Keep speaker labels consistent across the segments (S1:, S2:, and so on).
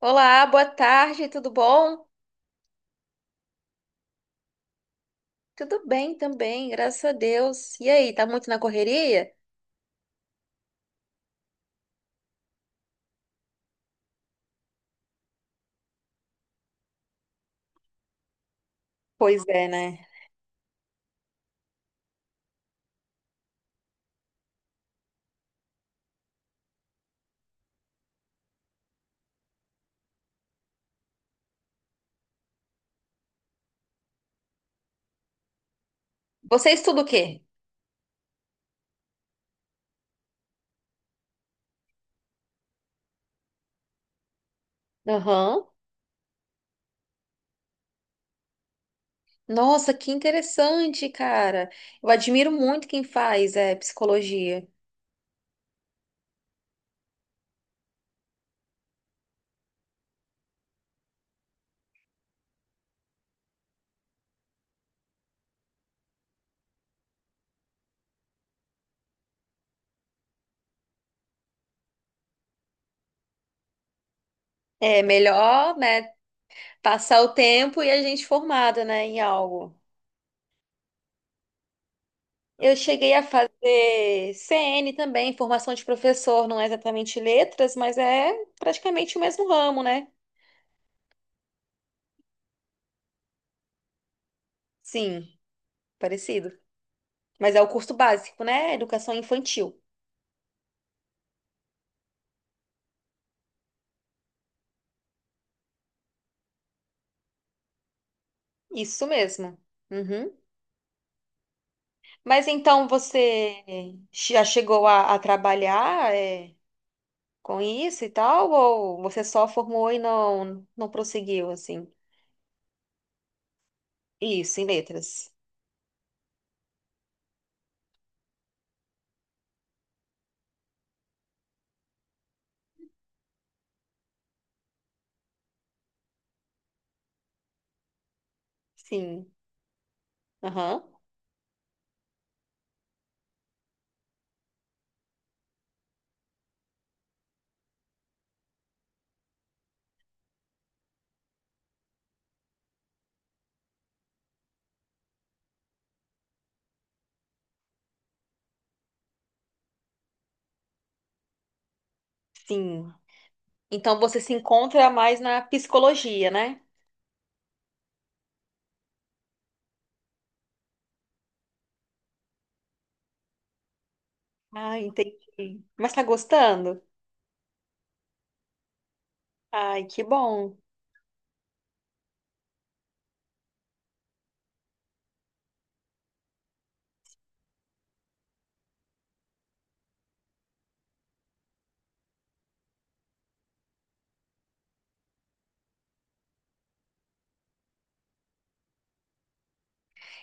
S1: Olá, boa tarde, tudo bom? Tudo bem também, graças a Deus. E aí, tá muito na correria? Pois é, né? Você estuda o quê? Aham. Nossa, que interessante, cara. Eu admiro muito quem faz psicologia. É melhor, né, passar o tempo e a gente formada, né, em algo. Eu cheguei a fazer CN também, formação de professor, não é exatamente letras, mas é praticamente o mesmo ramo, né? Sim, parecido. Mas é o curso básico, né? Educação infantil. Isso mesmo. Uhum. Mas então você já chegou a trabalhar com isso e tal? Ou você só formou e não prosseguiu, assim? Isso, em letras. Sim. Aham. Sim. Então você se encontra mais na psicologia, né? Ah, entendi. Mas tá gostando? Ai, que bom.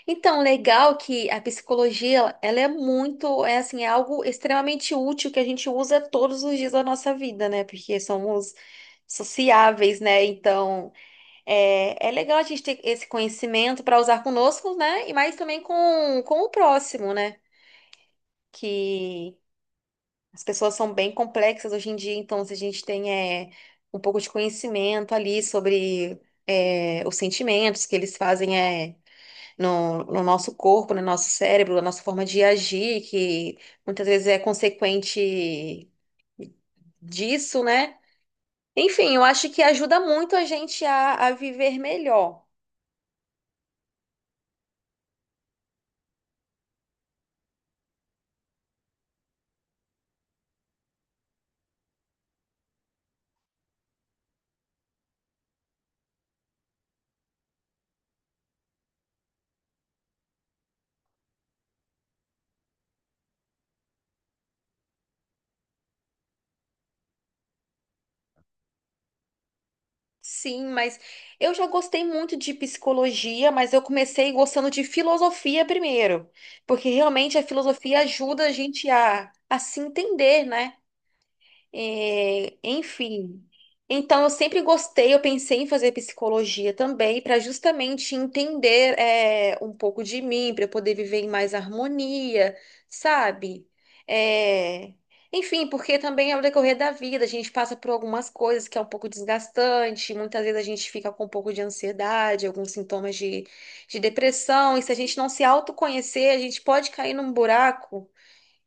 S1: Então, legal que a psicologia, ela é muito, é assim, é algo extremamente útil que a gente usa todos os dias da nossa vida, né? Porque somos sociáveis, né? Então, é legal a gente ter esse conhecimento para usar conosco, né? E mais também com o próximo, né? Que as pessoas são bem complexas hoje em dia, então se a gente tem é, um pouco de conhecimento ali sobre os sentimentos que eles fazem, é no nosso corpo, no nosso cérebro, na nossa forma de agir, que muitas vezes é consequente disso, né? Enfim, eu acho que ajuda muito a gente a viver melhor. Sim, mas eu já gostei muito de psicologia, mas eu comecei gostando de filosofia primeiro, porque realmente a filosofia ajuda a gente a se entender, né? É, enfim. Então, eu sempre gostei, eu pensei em fazer psicologia também, para justamente entender um pouco de mim, para eu poder viver em mais harmonia, sabe? É, enfim, porque também é o decorrer da vida, a gente passa por algumas coisas que é um pouco desgastante, muitas vezes a gente fica com um pouco de ansiedade, alguns sintomas de depressão, e se a gente não se autoconhecer, a gente pode cair num buraco.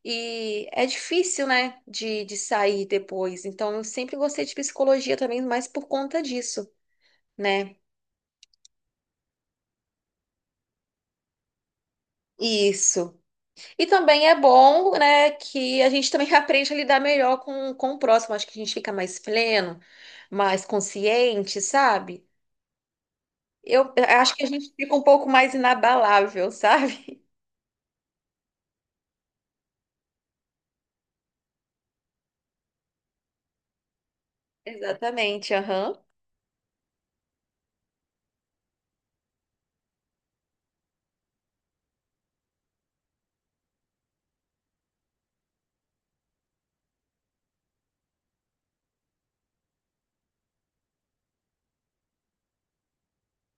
S1: E é difícil, né, de sair depois. Então, eu sempre gostei de psicologia também, mais por conta disso, né? Isso. E também é bom, né, que a gente também aprende a lidar melhor com o próximo. Acho que a gente fica mais pleno, mais consciente, sabe? Eu acho que a gente fica um pouco mais inabalável, sabe? Exatamente, aham.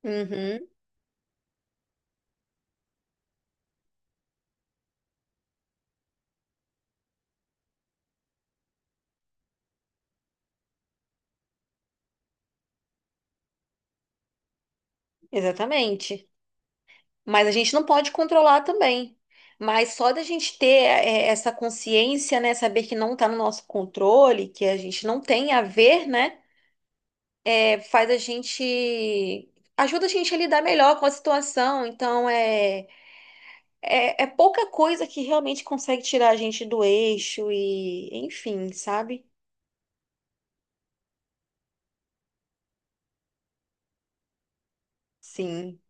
S1: Uhum, exatamente. Mas a gente não pode controlar também. Mas só da gente ter essa consciência, né, saber que não está no nosso controle, que a gente não tem a ver, né, faz a gente ajuda a gente a lidar melhor com a situação. Então é é pouca coisa que realmente consegue tirar a gente do eixo e, enfim, sabe? Sim,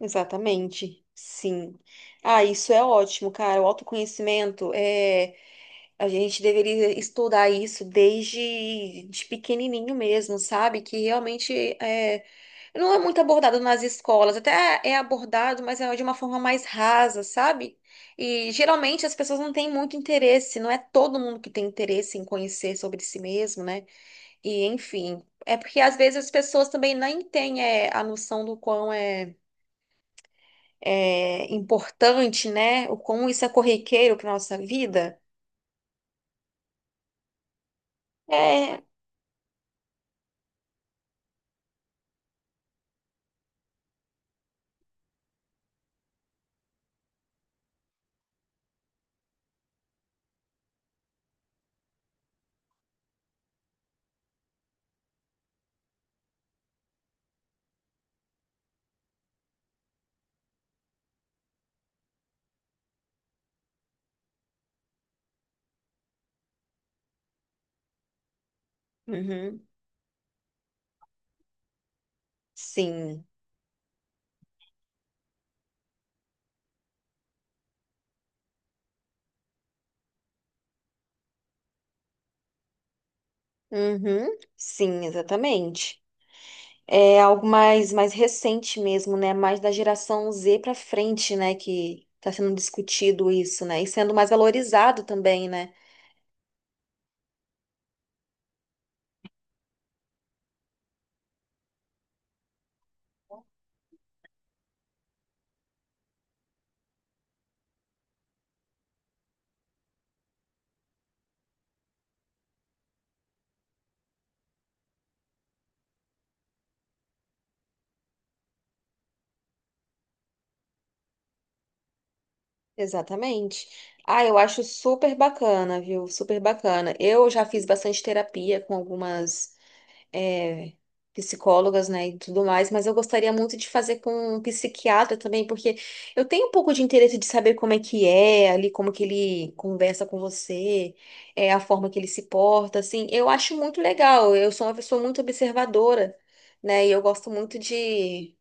S1: exatamente. Sim. Ah, isso é ótimo, cara. O autoconhecimento é a gente deveria estudar isso desde de pequenininho mesmo, sabe? Que realmente é, não é muito abordado nas escolas, até é abordado, mas é de uma forma mais rasa, sabe? E geralmente as pessoas não têm muito interesse, não é todo mundo que tem interesse em conhecer sobre si mesmo, né? E enfim, é porque às vezes as pessoas também nem têm a noção do quão é importante, né? O quão isso é corriqueiro para nossa vida. É. Uhum. Sim. Uhum. Sim, exatamente. É algo mais, mais recente mesmo, né? Mais da geração Z para frente, né? Que está sendo discutido isso, né? E sendo mais valorizado também, né? Exatamente. Ah, eu acho super bacana, viu? Super bacana. Eu já fiz bastante terapia com algumas. é, Psicólogas, né, e tudo mais, mas eu gostaria muito de fazer com um psiquiatra também, porque eu tenho um pouco de interesse de saber como é que é ali, como que ele conversa com você, a forma que ele se porta, assim, eu acho muito legal, eu sou uma pessoa muito observadora, né, e eu gosto muito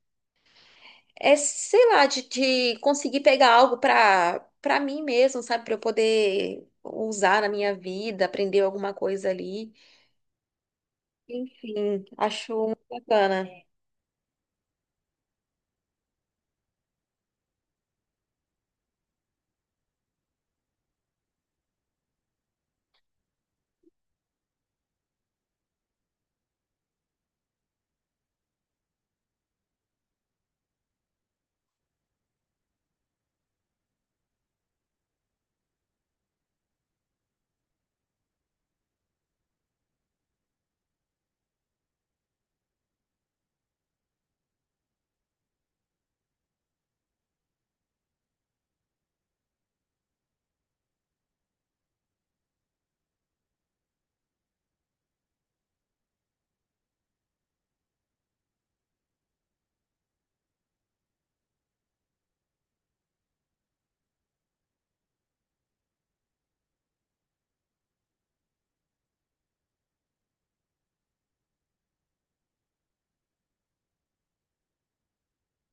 S1: sei lá, de conseguir pegar algo pra mim mesmo, sabe, pra eu poder... Usar na minha vida, aprender alguma coisa ali. Enfim, acho muito bacana.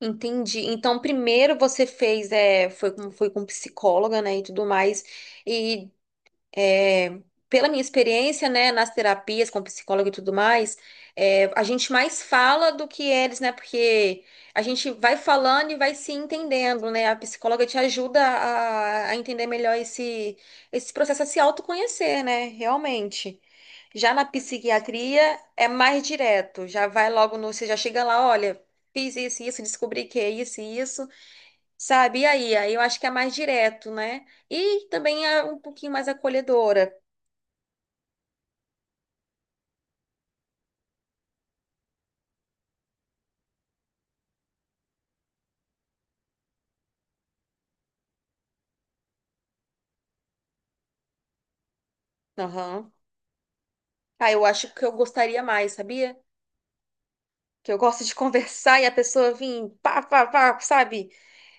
S1: Entendi. Então, primeiro você fez, é, foi foi com psicóloga, né, e tudo mais, e é, pela minha experiência, né, nas terapias com psicólogo e tudo mais, a gente mais fala do que eles, né, porque a gente vai falando e vai se entendendo, né, a psicóloga te ajuda a entender melhor esse processo, a se autoconhecer, né, realmente. Já na psiquiatria é mais direto, já vai logo no, você já chega lá, olha, fiz isso, isso, descobri que é isso e isso, sabe? E aí, aí eu acho que é mais direto, né? E também é um pouquinho mais acolhedora. Aham. Ah, eu acho que eu gostaria mais, sabia? Que eu gosto de conversar e a pessoa vir pá, pá, pá, sabe?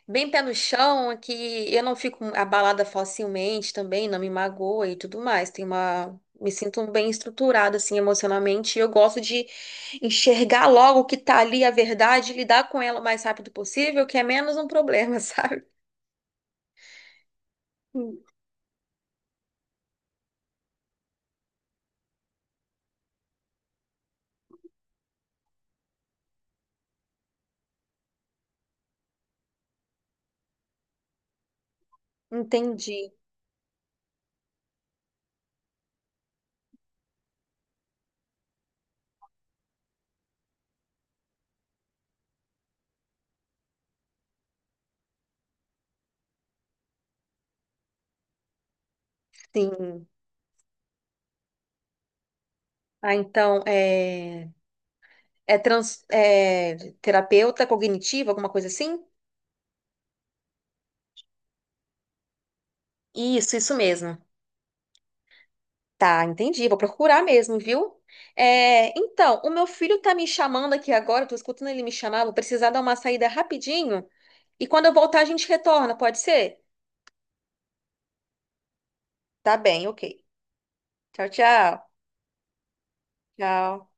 S1: Bem pé no chão, que eu não fico abalada facilmente também, não me magoa e tudo mais. Tem uma. Me sinto bem estruturada, assim, emocionalmente. E eu gosto de enxergar logo o que tá ali, a verdade, e lidar com ela o mais rápido possível, que é menos um problema, sabe? Entendi. Sim. Ah, então, é. É terapeuta cognitiva, alguma coisa assim? Isso mesmo. Tá, entendi. Vou procurar mesmo, viu? É, então, o meu filho tá me chamando aqui agora, eu tô escutando ele me chamar, vou precisar dar uma saída rapidinho. E quando eu voltar, a gente retorna, pode ser? Tá bem, ok. Tchau, tchau. Tchau.